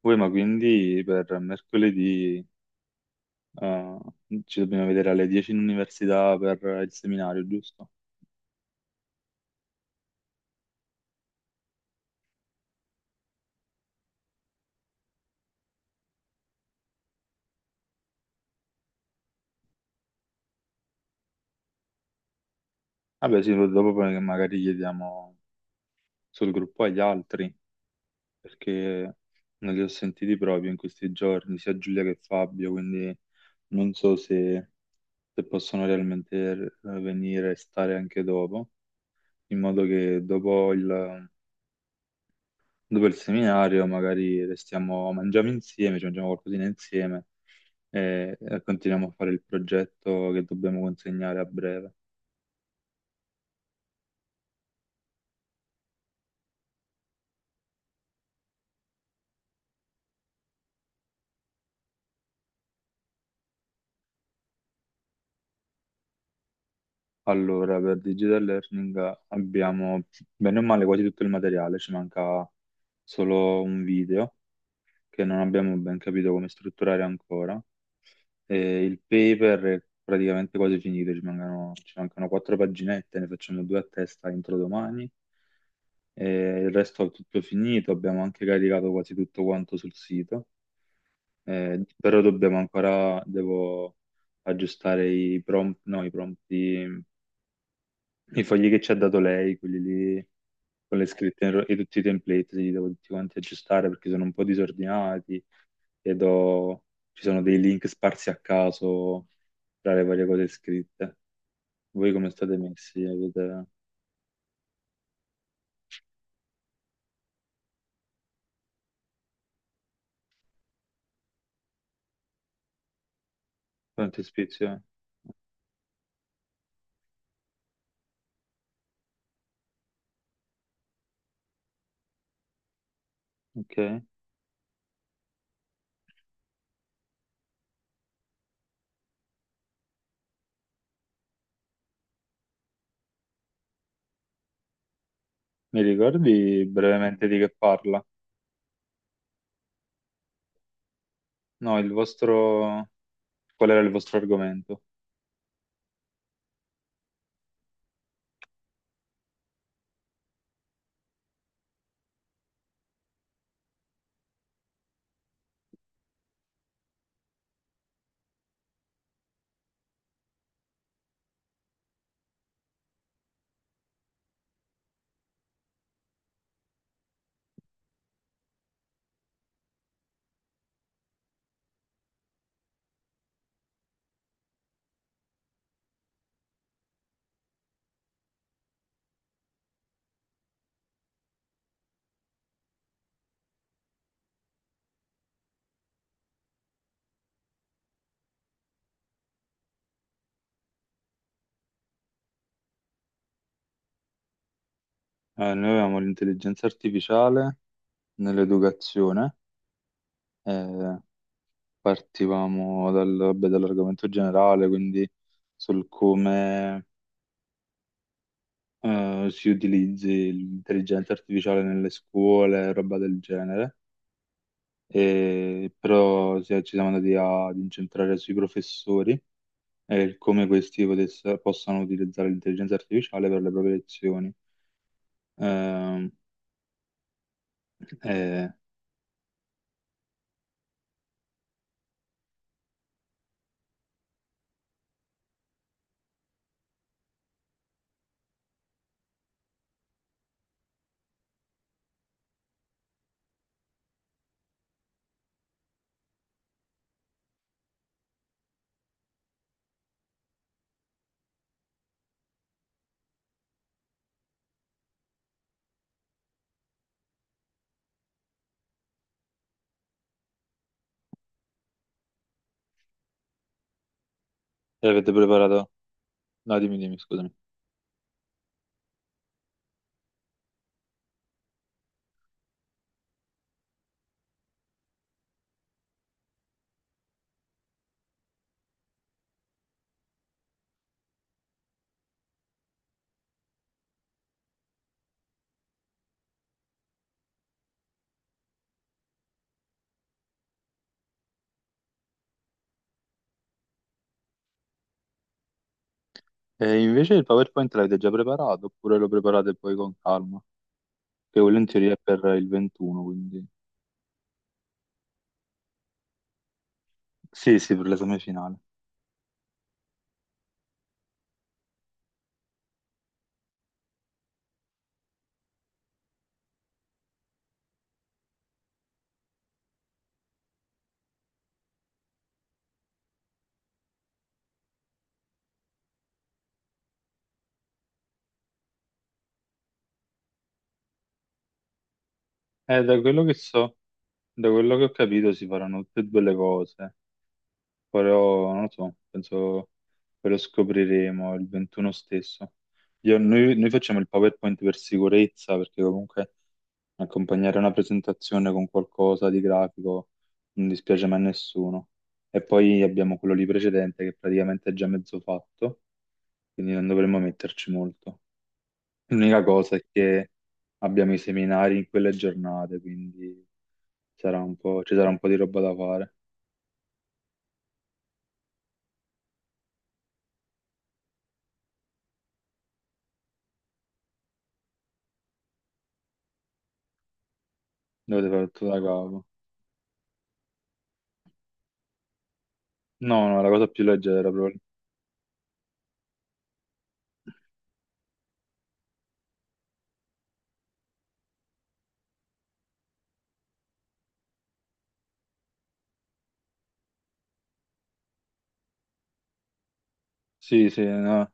Poi, ma quindi per mercoledì eh, ci dobbiamo vedere alle 10 in università per il seminario, giusto? Vabbè, sì, dopo poi magari chiediamo sul gruppo agli altri, perché non li ho sentiti proprio in questi giorni, sia Giulia che Fabio, quindi non so se, se possono realmente venire e stare anche dopo, in modo che dopo il seminario magari restiamo, mangiamo insieme, ci mangiamo qualcosina insieme e continuiamo a fare il progetto che dobbiamo consegnare a breve. Allora, per Digital Learning abbiamo bene o male quasi tutto il materiale, ci manca solo un video che non abbiamo ben capito come strutturare ancora. E il paper è praticamente quasi finito, ci mancano 4 paginette, ne facciamo 2 a testa entro domani. E il resto è tutto finito, abbiamo anche caricato quasi tutto quanto sul sito. Però dobbiamo ancora, devo aggiustare i prompt, no, i fogli che ci ha dato lei, quelli lì con le scritte in ro- e tutti i template, li devo tutti quanti aggiustare perché sono un po' disordinati e do- ci sono dei link sparsi a caso tra le varie cose scritte. Voi come state messi? Avete quante ispezioni? Ok. Mi ricordi brevemente di che parla? No, il vostro... Qual era il vostro argomento? Noi avevamo l'intelligenza artificiale nell'educazione, eh, partivamo dal- vabbè, dall'argomento generale, quindi sul come si utilizzi l'intelligenza artificiale nelle scuole, roba del genere, e, però si- ci siamo andati a- ad incentrare sui professori e come questi potesse- possano utilizzare l'intelligenza artificiale per le proprie lezioni. Ehm, e, e avete preparato? No, dimmi, dimmi, scusami. E invece il PowerPoint l'avete già preparato oppure lo preparate poi con calma? Che quello in teoria è per il 21, quindi... Sì, sì, per l'esame finale. Da quello che so, da quello che ho capito si faranno tutte e due le cose, però non lo so, penso che lo scopriremo il 21 stesso. Noi facciamo il PowerPoint per sicurezza, perché comunque accompagnare una presentazione con qualcosa di grafico non dispiace mai a nessuno. E poi abbiamo quello lì precedente che praticamente è già mezzo fatto, quindi non dovremmo metterci molto. L'unica cosa è che abbiamo i seminari in quelle giornate, quindi sarà un po', ci sarà un po' di roba da fare. Dovete fare tutto da capo. No, no, la cosa più leggera proprio. Sì, sì, no.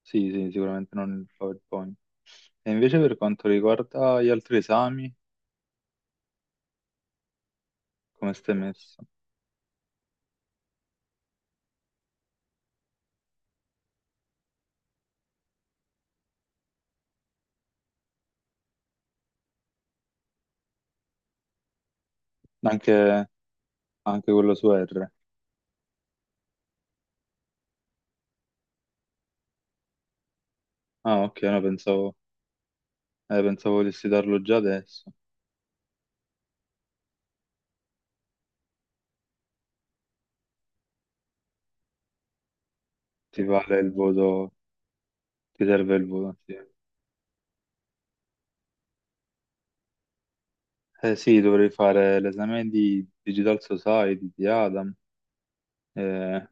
Sì, sì, sicuramente non il PowerPoint. E invece per quanto riguarda gli altri esami, come stai messo? Anche anche quello su R. Ah, ok, no, pensavo, pensavo volessi darlo già adesso. Ti vale il voto, ti serve il voto, sì. Eh sì, dovrei fare l'esame di Digital Society di Adam. Eh,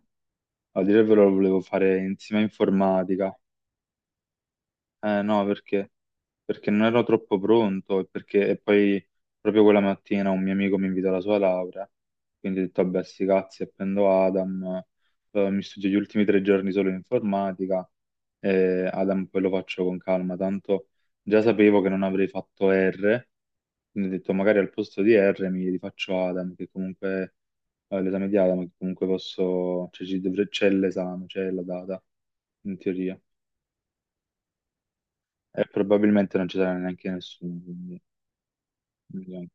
a dire il vero lo volevo fare insieme a informatica. No, perché? Perché non ero troppo pronto e perché e poi proprio quella mattina un mio amico mi invitò alla sua laurea, quindi ho detto, vabbè, sti cazzi, appendo Adam, mi studio gli ultimi 3 giorni solo in informatica, e Adam poi lo faccio con calma, tanto già sapevo che non avrei fatto R, quindi ho detto magari al posto di R mi rifaccio Adam, che comunque, l'esame di Adam, che comunque posso, cioè ci dovre- c'è l'esame, c'è la data, in teoria e probabilmente non ci sarà neanche nessuno. Quindi vediamo.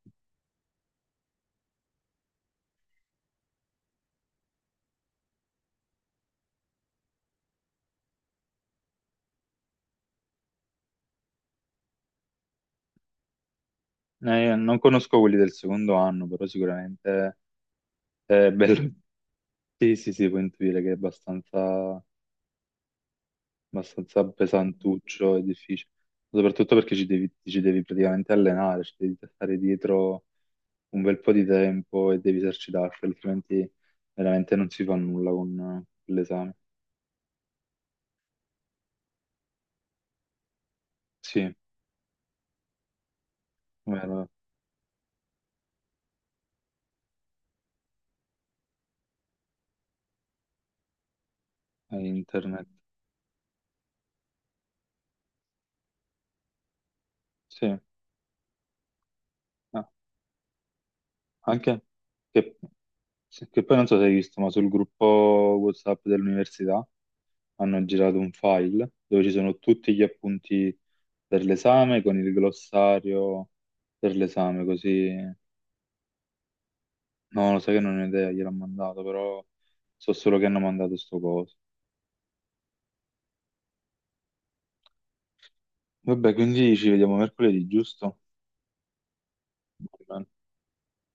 Io non conosco quelli del secondo anno, però sicuramente è bello. Sì, sì, sì, puoi intuire che è abbastanza, abbastanza pesantuccio e difficile, soprattutto perché ci devi praticamente allenare, ci devi stare dietro un bel po' di tempo e devi esercitarti, altrimenti veramente non si fa nulla con l'esame. Sì, vero, è internet. Sì. Ah, anche che, che poi non so se hai visto, ma sul gruppo WhatsApp dell'università hanno girato un file dove ci sono tutti gli appunti per l'esame con il glossario per l'esame, così. No, lo sai che non ho idea, gliel'ho mandato, però so solo che hanno mandato sto coso. Vabbè, quindi ci vediamo mercoledì, giusto?